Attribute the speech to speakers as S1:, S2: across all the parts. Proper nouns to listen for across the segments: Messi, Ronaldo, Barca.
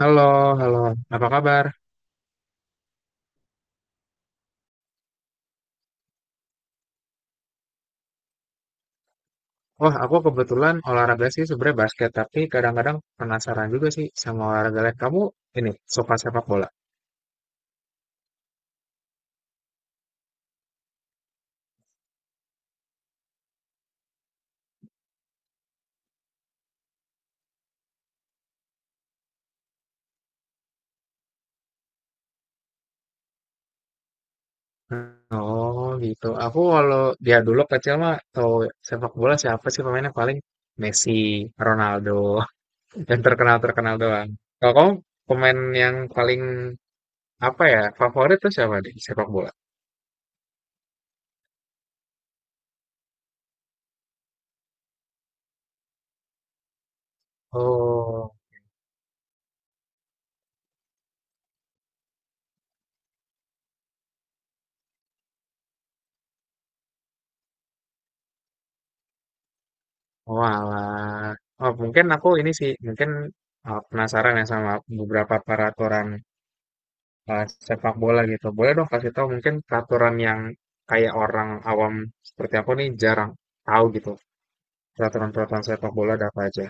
S1: Halo, halo. Apa kabar? Wah, aku kebetulan olahraga sih sebenarnya basket, tapi kadang-kadang penasaran juga sih sama olahraga lain. Kamu ini suka sepak bola? Oh, gitu. Aku kalau dia dulu kecil mah tahu sepak bola siapa sih pemainnya paling Messi, Ronaldo, yang terkenal-terkenal doang. Kalau kamu pemain yang paling apa ya favorit tuh siapa di sepak bola? Oh. Oh, oh, mungkin aku ini sih, mungkin penasaran ya sama beberapa peraturan sepak bola gitu. Boleh dong kasih tahu mungkin peraturan yang kayak orang awam seperti aku nih jarang tahu gitu. Peraturan-peraturan sepak bola ada apa aja?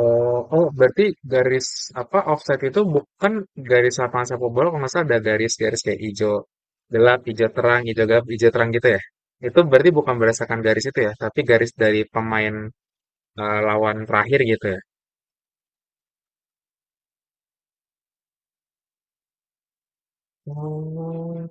S1: Oh, oh berarti garis apa offside itu bukan garis lapangan sepak bola kalau nggak salah ada garis-garis kayak hijau gelap, hijau terang, hijau gelap, hijau terang gitu ya. Itu berarti bukan berdasarkan garis itu ya, tapi garis dari pemain eh, lawan terakhir gitu ya. Oh,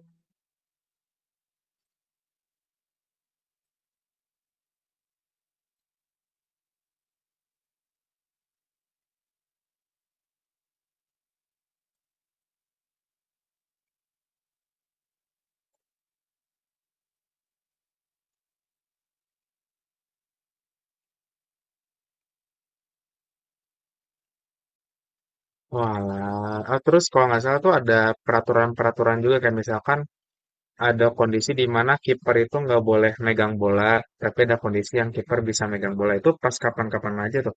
S1: walah. Ah, terus kalau nggak salah tuh ada peraturan-peraturan juga kayak misalkan ada kondisi di mana kiper itu nggak boleh megang bola, tapi ada kondisi yang kiper bisa megang bola itu pas kapan-kapan aja tuh.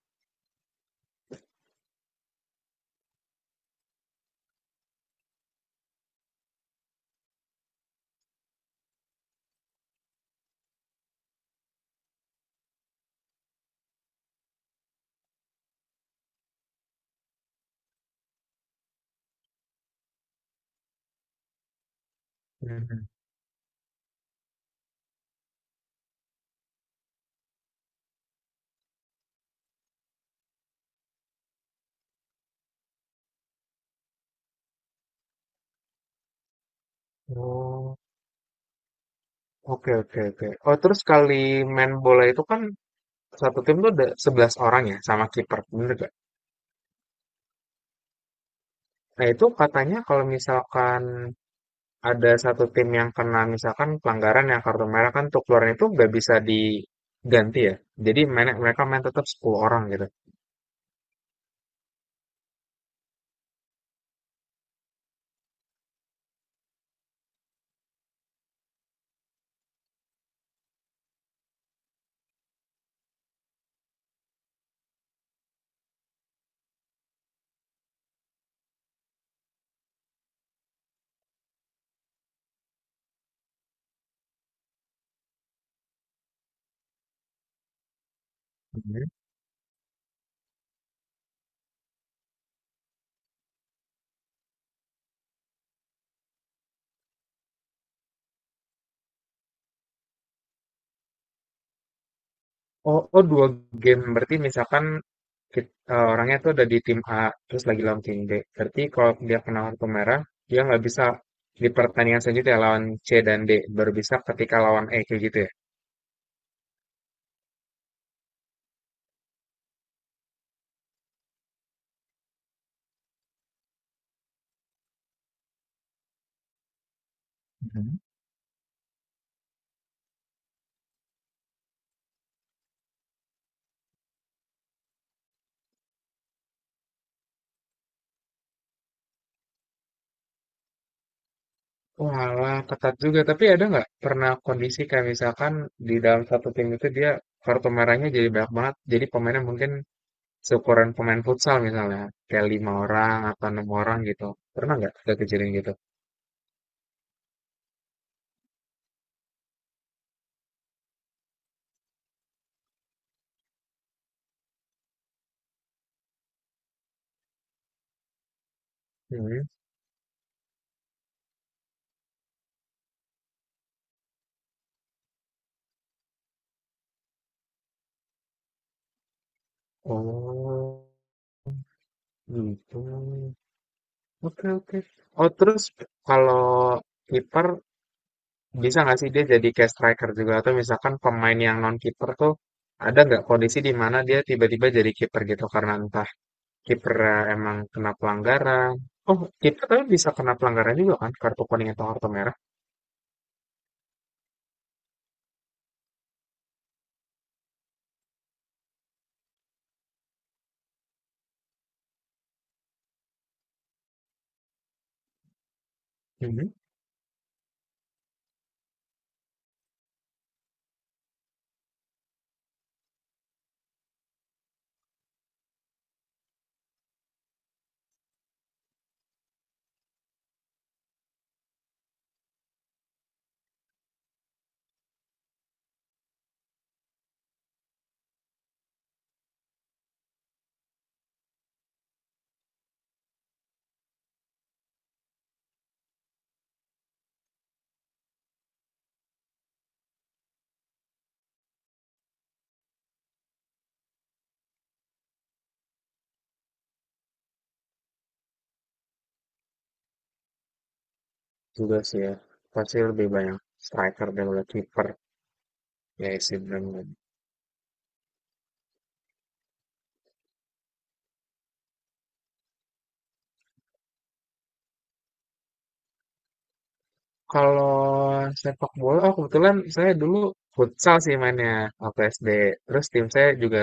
S1: Mhm. Oh, oke oke oke. Oh, terus kali main bola itu kan satu tim tuh ada 11 orang ya sama kiper, bener gak? Nah, itu katanya kalau misalkan ada satu tim yang kena misalkan pelanggaran yang kartu merah kan untuk keluarin itu nggak bisa diganti ya. Jadi mereka main tetap 10 orang gitu. Mhm. Oh, oh dua game berarti misalkan orangnya tuh ada di tim A terus lagi lawan tim B. Berarti kalau dia kena kartu merah dia nggak bisa di pertandingan selanjutnya lawan C dan D baru bisa ketika lawan E kayak gitu ya. Walah, ketat juga. Tapi ada nggak pernah kondisi kayak misalkan di dalam satu tim itu dia kartu merahnya jadi banyak banget. Jadi pemainnya mungkin seukuran pemain futsal misalnya. Kayak lima orang atau enam orang gitu. Pernah nggak ada kejadian gitu? Hmm. Oh, gitu. Oke, oke. Oh, terus kalau kiper bisa nggak sih dia jadi kayak striker juga? Atau misalkan pemain yang non kiper tuh ada nggak kondisi di mana dia tiba-tiba jadi kiper gitu karena entah kiper eh, emang kena pelanggaran. Oh, kiper tapi bisa kena pelanggaran juga kan, kartu kuning atau kartu merah. Mhm. Juga sih ya, pasti lebih banyak striker daripada kiper. Ya sih benar. Kalau sepak bola, oh kebetulan saya dulu futsal sih mainnya waktu SD. Terus tim saya juga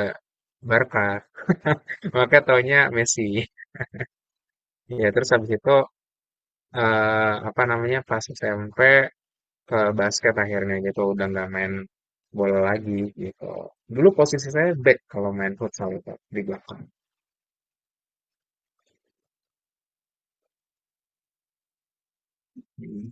S1: Barca, makanya taunya Messi. Ya terus habis itu apa namanya pas SMP ke basket akhirnya gitu udah nggak main bola lagi gitu dulu posisi saya back kalau main futsal itu di belakang. Hmm,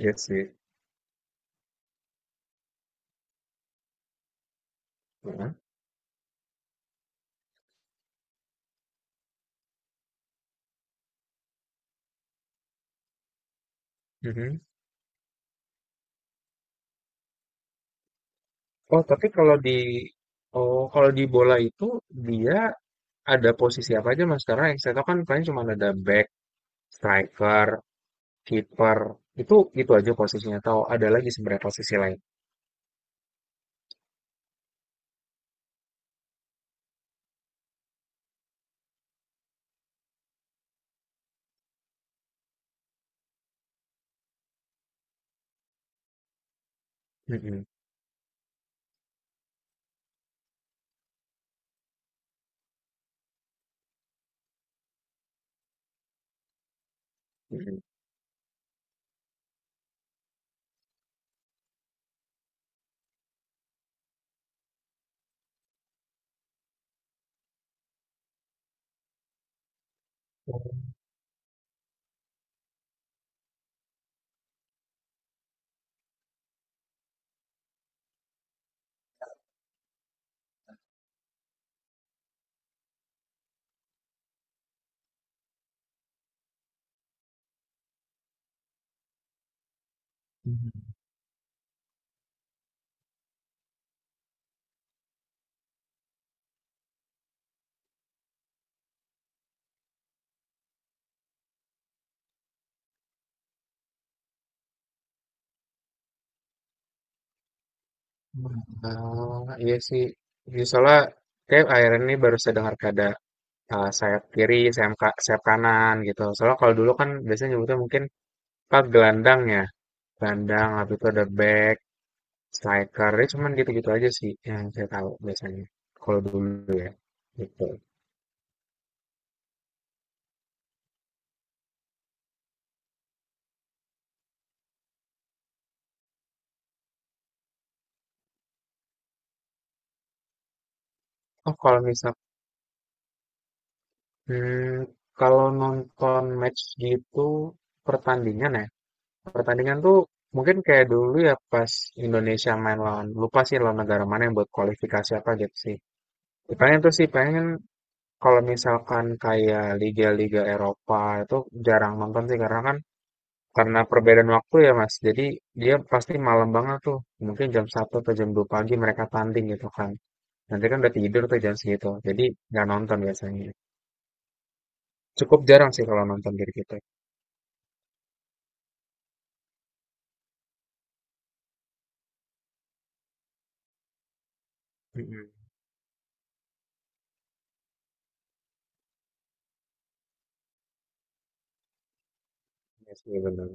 S1: iya sih. Heeh. Mhm. oh tapi kalau di Oh kalau di bola itu dia ada posisi apa aja mas karena yang saya tahu kan paling cuma ada back striker kiper itu itu aja posisinya atau ada lagi sebenarnya posisi lain. Mhm. Mhm. Mhm. Ah, iya sih. Jadi soalnya kayak akhirnya ini baru saya dengar ada sayap kiri, sayap kanan gitu. Soalnya kalau dulu kan biasanya nyebutnya mungkin pak gelandang ya, gelandang, habis itu ada back, striker, ya cuman gitu-gitu aja sih yang saya tahu biasanya. Kalau dulu ya, gitu. Oh kalau misal, hmm, kalau nonton match gitu pertandingan ya, pertandingan tuh mungkin kayak dulu ya pas Indonesia main lawan, lupa sih lawan negara mana yang buat kualifikasi apa gitu sih. Ya, paling itu sih pengen. Kalau misalkan kayak liga-liga Eropa itu jarang nonton sih karena perbedaan waktu ya Mas. Jadi dia pasti malam banget tuh. Mungkin jam 1 atau jam 2 pagi mereka tanding gitu kan. Nanti kan udah tidur tuh jam segitu. Jadi nggak nonton biasanya. Cukup jarang sih kalau nonton dari kita. Mm-mm. Iya sih benar.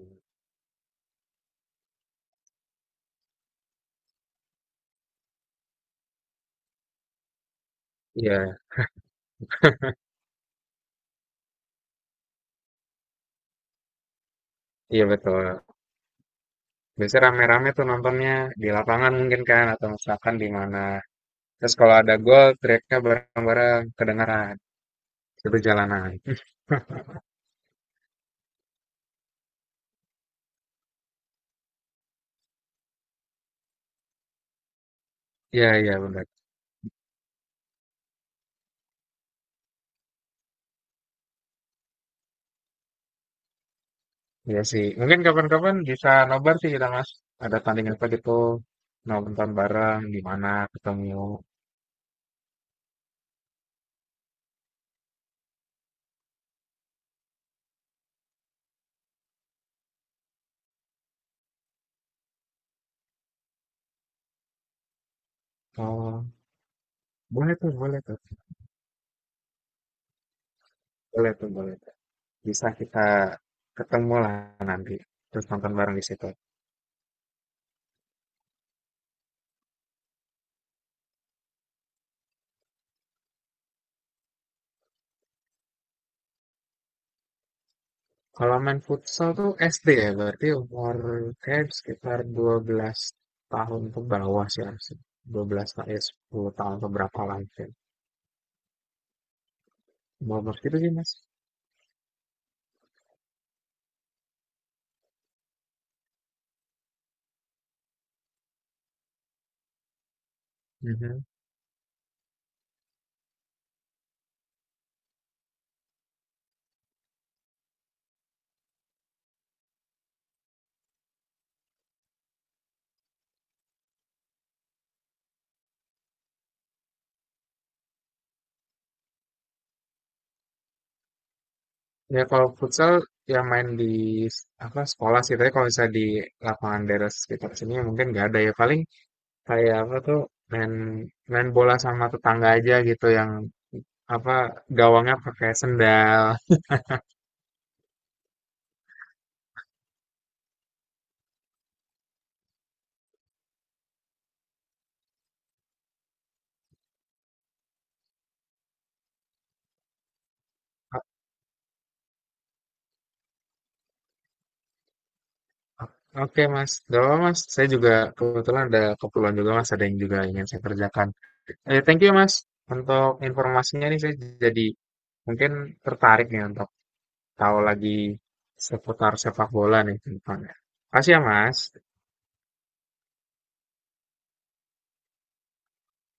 S1: Iya, iya betul. Biasanya rame-rame tuh nontonnya di lapangan mungkin kan atau misalkan di mana. Terus kalau ada gol teriaknya bareng-bareng kedengaran. Itu jalanan. Iya, iya benar. Iya sih. Mungkin kapan-kapan bisa nobar sih kita, Mas. Ada tanding apa gitu. Nonton bareng di mana ketemu. Oh, boleh tuh, boleh tuh. Boleh tuh, boleh tuh. Bisa kita ketemu lah nanti. Terus nonton bareng di situ. Kalau main futsal tuh SD ya, berarti umur kayak sekitar 12 tahun ke bawah sih harusnya. 12 tahun, ya 10 tahun ke berapa lah mungkin. Umur segitu sih, Mas. Mhm. Ya kalau futsal ya main di apa sekolah sih, tapi kalau misalnya di lapangan daerah sekitar sini ya mungkin nggak ada ya paling kayak apa tuh main main bola sama tetangga aja gitu yang apa gawangnya pakai sendal. O- Oke mas, gak apa mas. Saya juga kebetulan ada keperluan juga mas, ada yang juga ingin saya kerjakan. Thank you mas untuk informasinya nih saya jadi mungkin tertarik nih untuk tahu lagi seputar sepak bola nih ke depannya. Makasih ya mas.